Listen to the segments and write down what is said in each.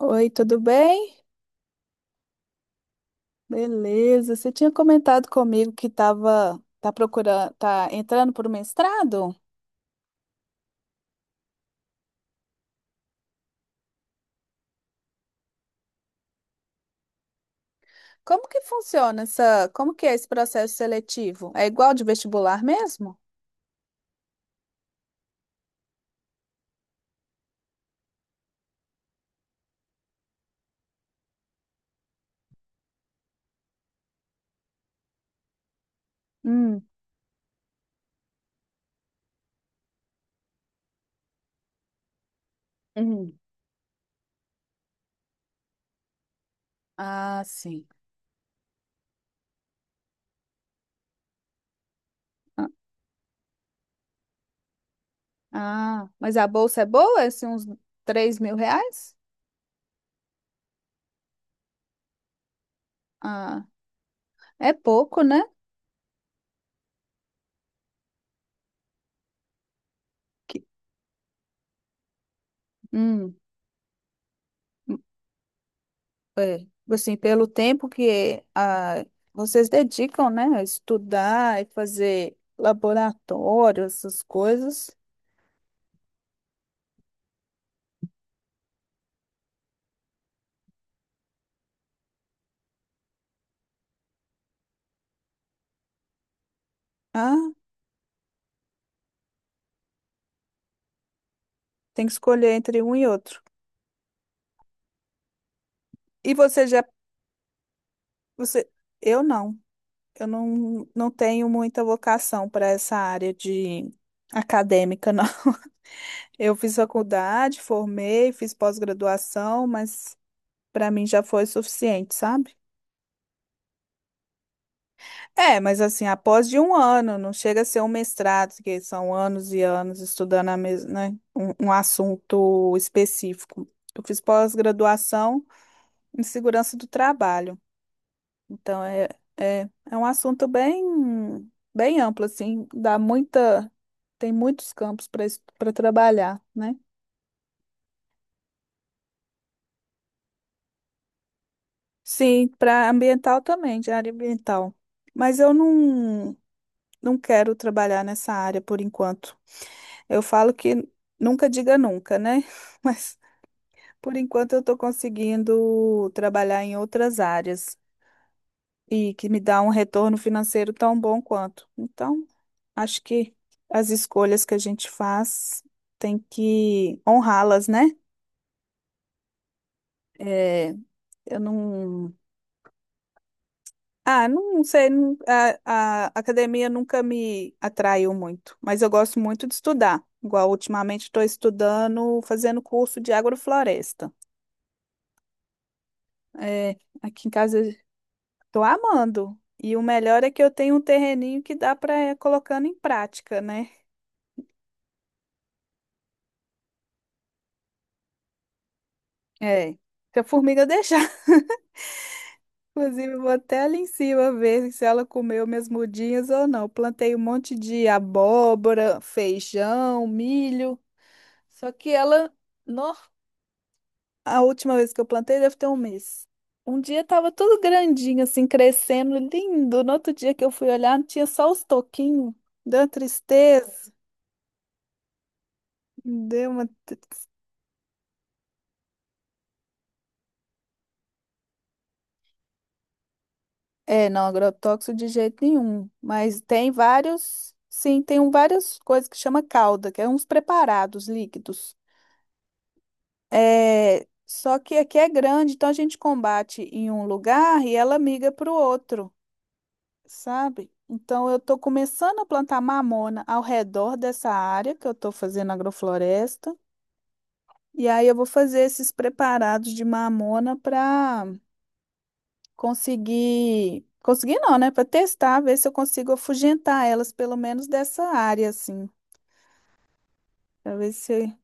Oi, tudo bem? Beleza. Você tinha comentado comigo que estava tá procurando, tá entrando para o mestrado? Como que funciona essa, como que é esse processo seletivo? É igual de vestibular mesmo? Hum. Uhum. Ah, sim. Ah, mas a bolsa é boa? É assim, uns R$ 3.000? Ah, é pouco, né? Que- Hum. É, assim, pelo tempo que vocês dedicam, né, a estudar e fazer laboratório, essas coisas. Ah, tem que escolher entre um e outro. E você já, você, eu não, eu não, Não tenho muita vocação para essa área de acadêmica, não. Eu fiz faculdade, formei, fiz pós-graduação, mas para mim já foi suficiente, sabe? É, mas assim, após de um ano, não chega a ser um mestrado, que são anos e anos estudando né, um assunto específico. Eu fiz pós-graduação em segurança do trabalho. Então, é um assunto bem, bem amplo, assim, dá muita, tem muitos campos para trabalhar, né? Sim, para ambiental também, de área ambiental. Mas eu não quero trabalhar nessa área por enquanto. Eu falo que nunca diga nunca, né? Mas por enquanto eu estou conseguindo trabalhar em outras áreas e que me dá um retorno financeiro tão bom quanto. Então, acho que as escolhas que a gente faz tem que honrá-las, né? É, eu não. Ah, não sei, não- a academia nunca me atraiu muito, mas eu gosto muito de estudar. Igual ultimamente estou estudando, fazendo curso de agrofloresta. É, aqui em casa eu tô amando. E o melhor é que eu tenho um terreninho que dá para ir colocando em prática, né? É. Se a formiga deixar. Inclusive, eu vou até ali em cima ver se ela comeu minhas mudinhas ou não. Plantei um monte de abóbora, feijão, milho. Só que ela, nó, a última vez que eu plantei deve ter um mês. Um dia tava tudo grandinho, assim, crescendo, lindo. No outro dia que eu fui olhar, tinha só os toquinhos. Deu uma tristeza. Deu uma. t- É, não, agrotóxico de jeito nenhum. Mas tem vários. Sim, tem várias coisas que chama calda, que é uns preparados líquidos. É, só que aqui é grande, então a gente combate em um lugar e ela migra para o outro, sabe? Então eu estou começando a plantar mamona ao redor dessa área que eu estou fazendo agrofloresta. E aí eu vou fazer esses preparados de mamona para conseguir, conseguir não, né? Para testar, ver se eu consigo afugentar elas, pelo menos dessa área, assim, para ver se.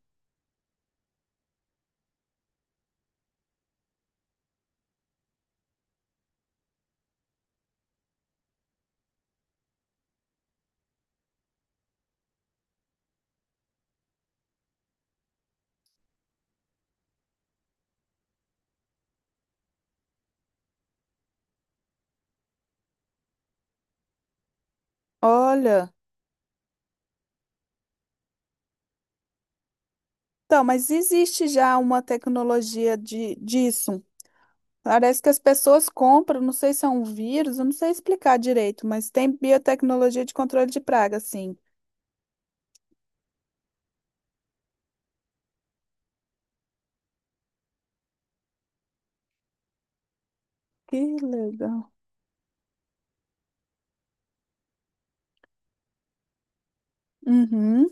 Olha, então, mas existe já uma tecnologia disso. Parece que as pessoas compram, não sei se é um vírus, eu não sei explicar direito, mas tem biotecnologia de controle de praga, sim. Que legal. Uhum.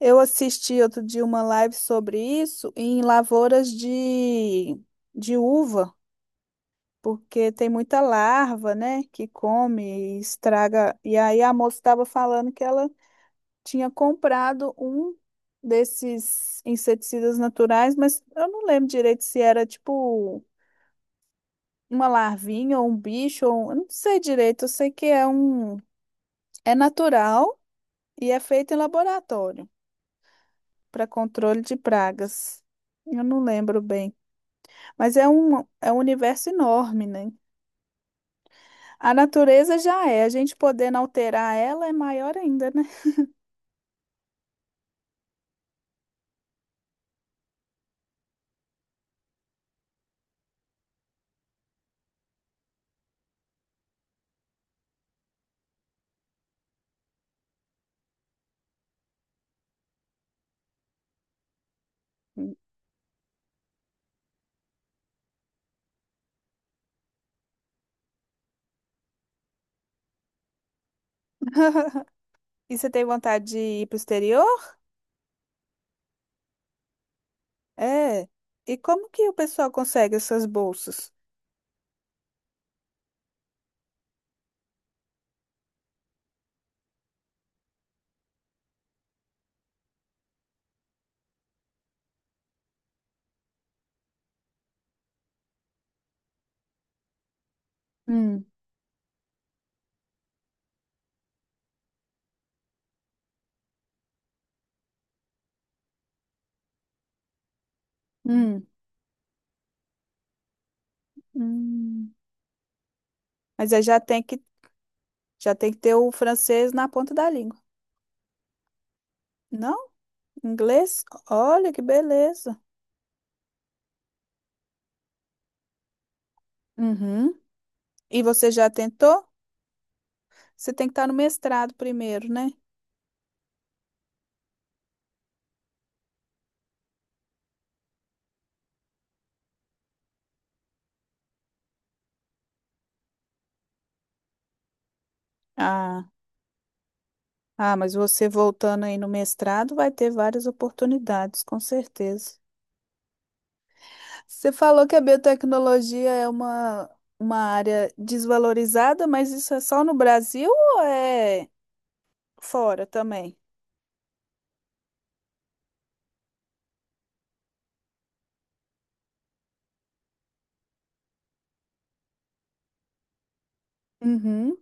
Eu assisti outro dia uma live sobre isso em lavouras de uva, porque tem muita larva, né, que come e estraga. E aí a moça estava falando que ela tinha comprado um desses inseticidas naturais, mas eu não lembro direito se era tipo uma larvinha ou um bicho, eu não sei direito, eu sei que é natural e é feito em laboratório para controle de pragas. Eu não lembro bem, mas é um universo enorme, né? A natureza já é, a gente podendo alterar ela é maior ainda, né? E você tem vontade de ir para o exterior? É. E como que o pessoal consegue essas bolsas? Hum, hum, hum. Mas aí já tem que ter o francês na ponta da língua. Não? Inglês? Olha que beleza. Uhum. E você já tentou? Você tem que estar no mestrado primeiro, né? Ah, mas você voltando aí no mestrado vai ter várias oportunidades, com certeza. Você falou que a biotecnologia é uma área desvalorizada, mas isso é só no Brasil ou é fora também? Uhum,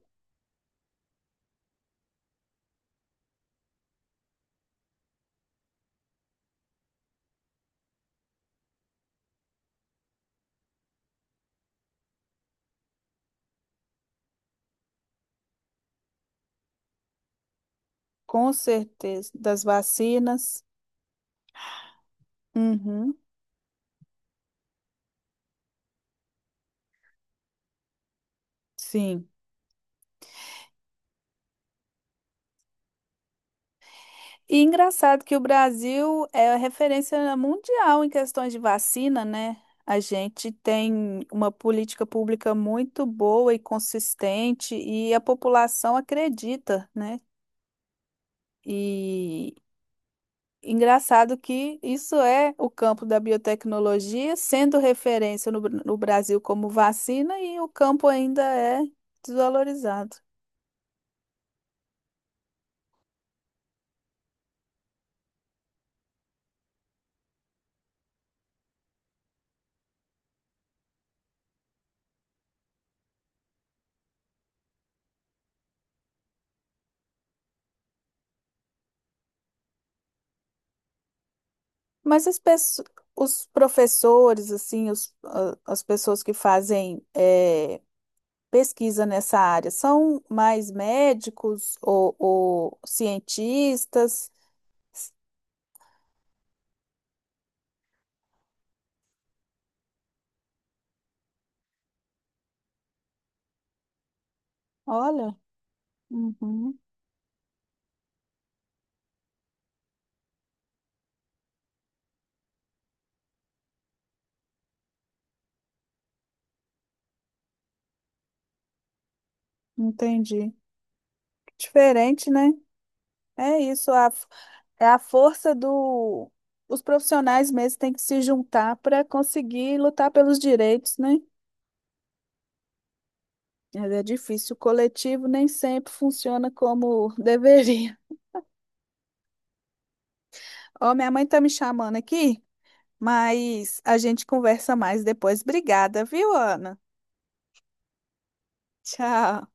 com certeza. Das vacinas. Uhum, sim. E engraçado que o Brasil é a referência mundial em questões de vacina, né? A gente tem uma política pública muito boa e consistente e a população acredita, né? E engraçado que isso é o campo da biotecnologia, sendo referência no Brasil como vacina, e o campo ainda é desvalorizado. Mas as pesso- os professores, assim, as pessoas que fazem pesquisa nessa área, são mais médicos ou cientistas? Olha, uhum, entendi. Diferente, né? É isso, é a força do. Os profissionais mesmo têm que se juntar para conseguir lutar pelos direitos, né? Mas é difícil, o coletivo nem sempre funciona como deveria. Ó, minha mãe tá me chamando aqui, mas a gente conversa mais depois. Obrigada, viu, Ana? Tchau.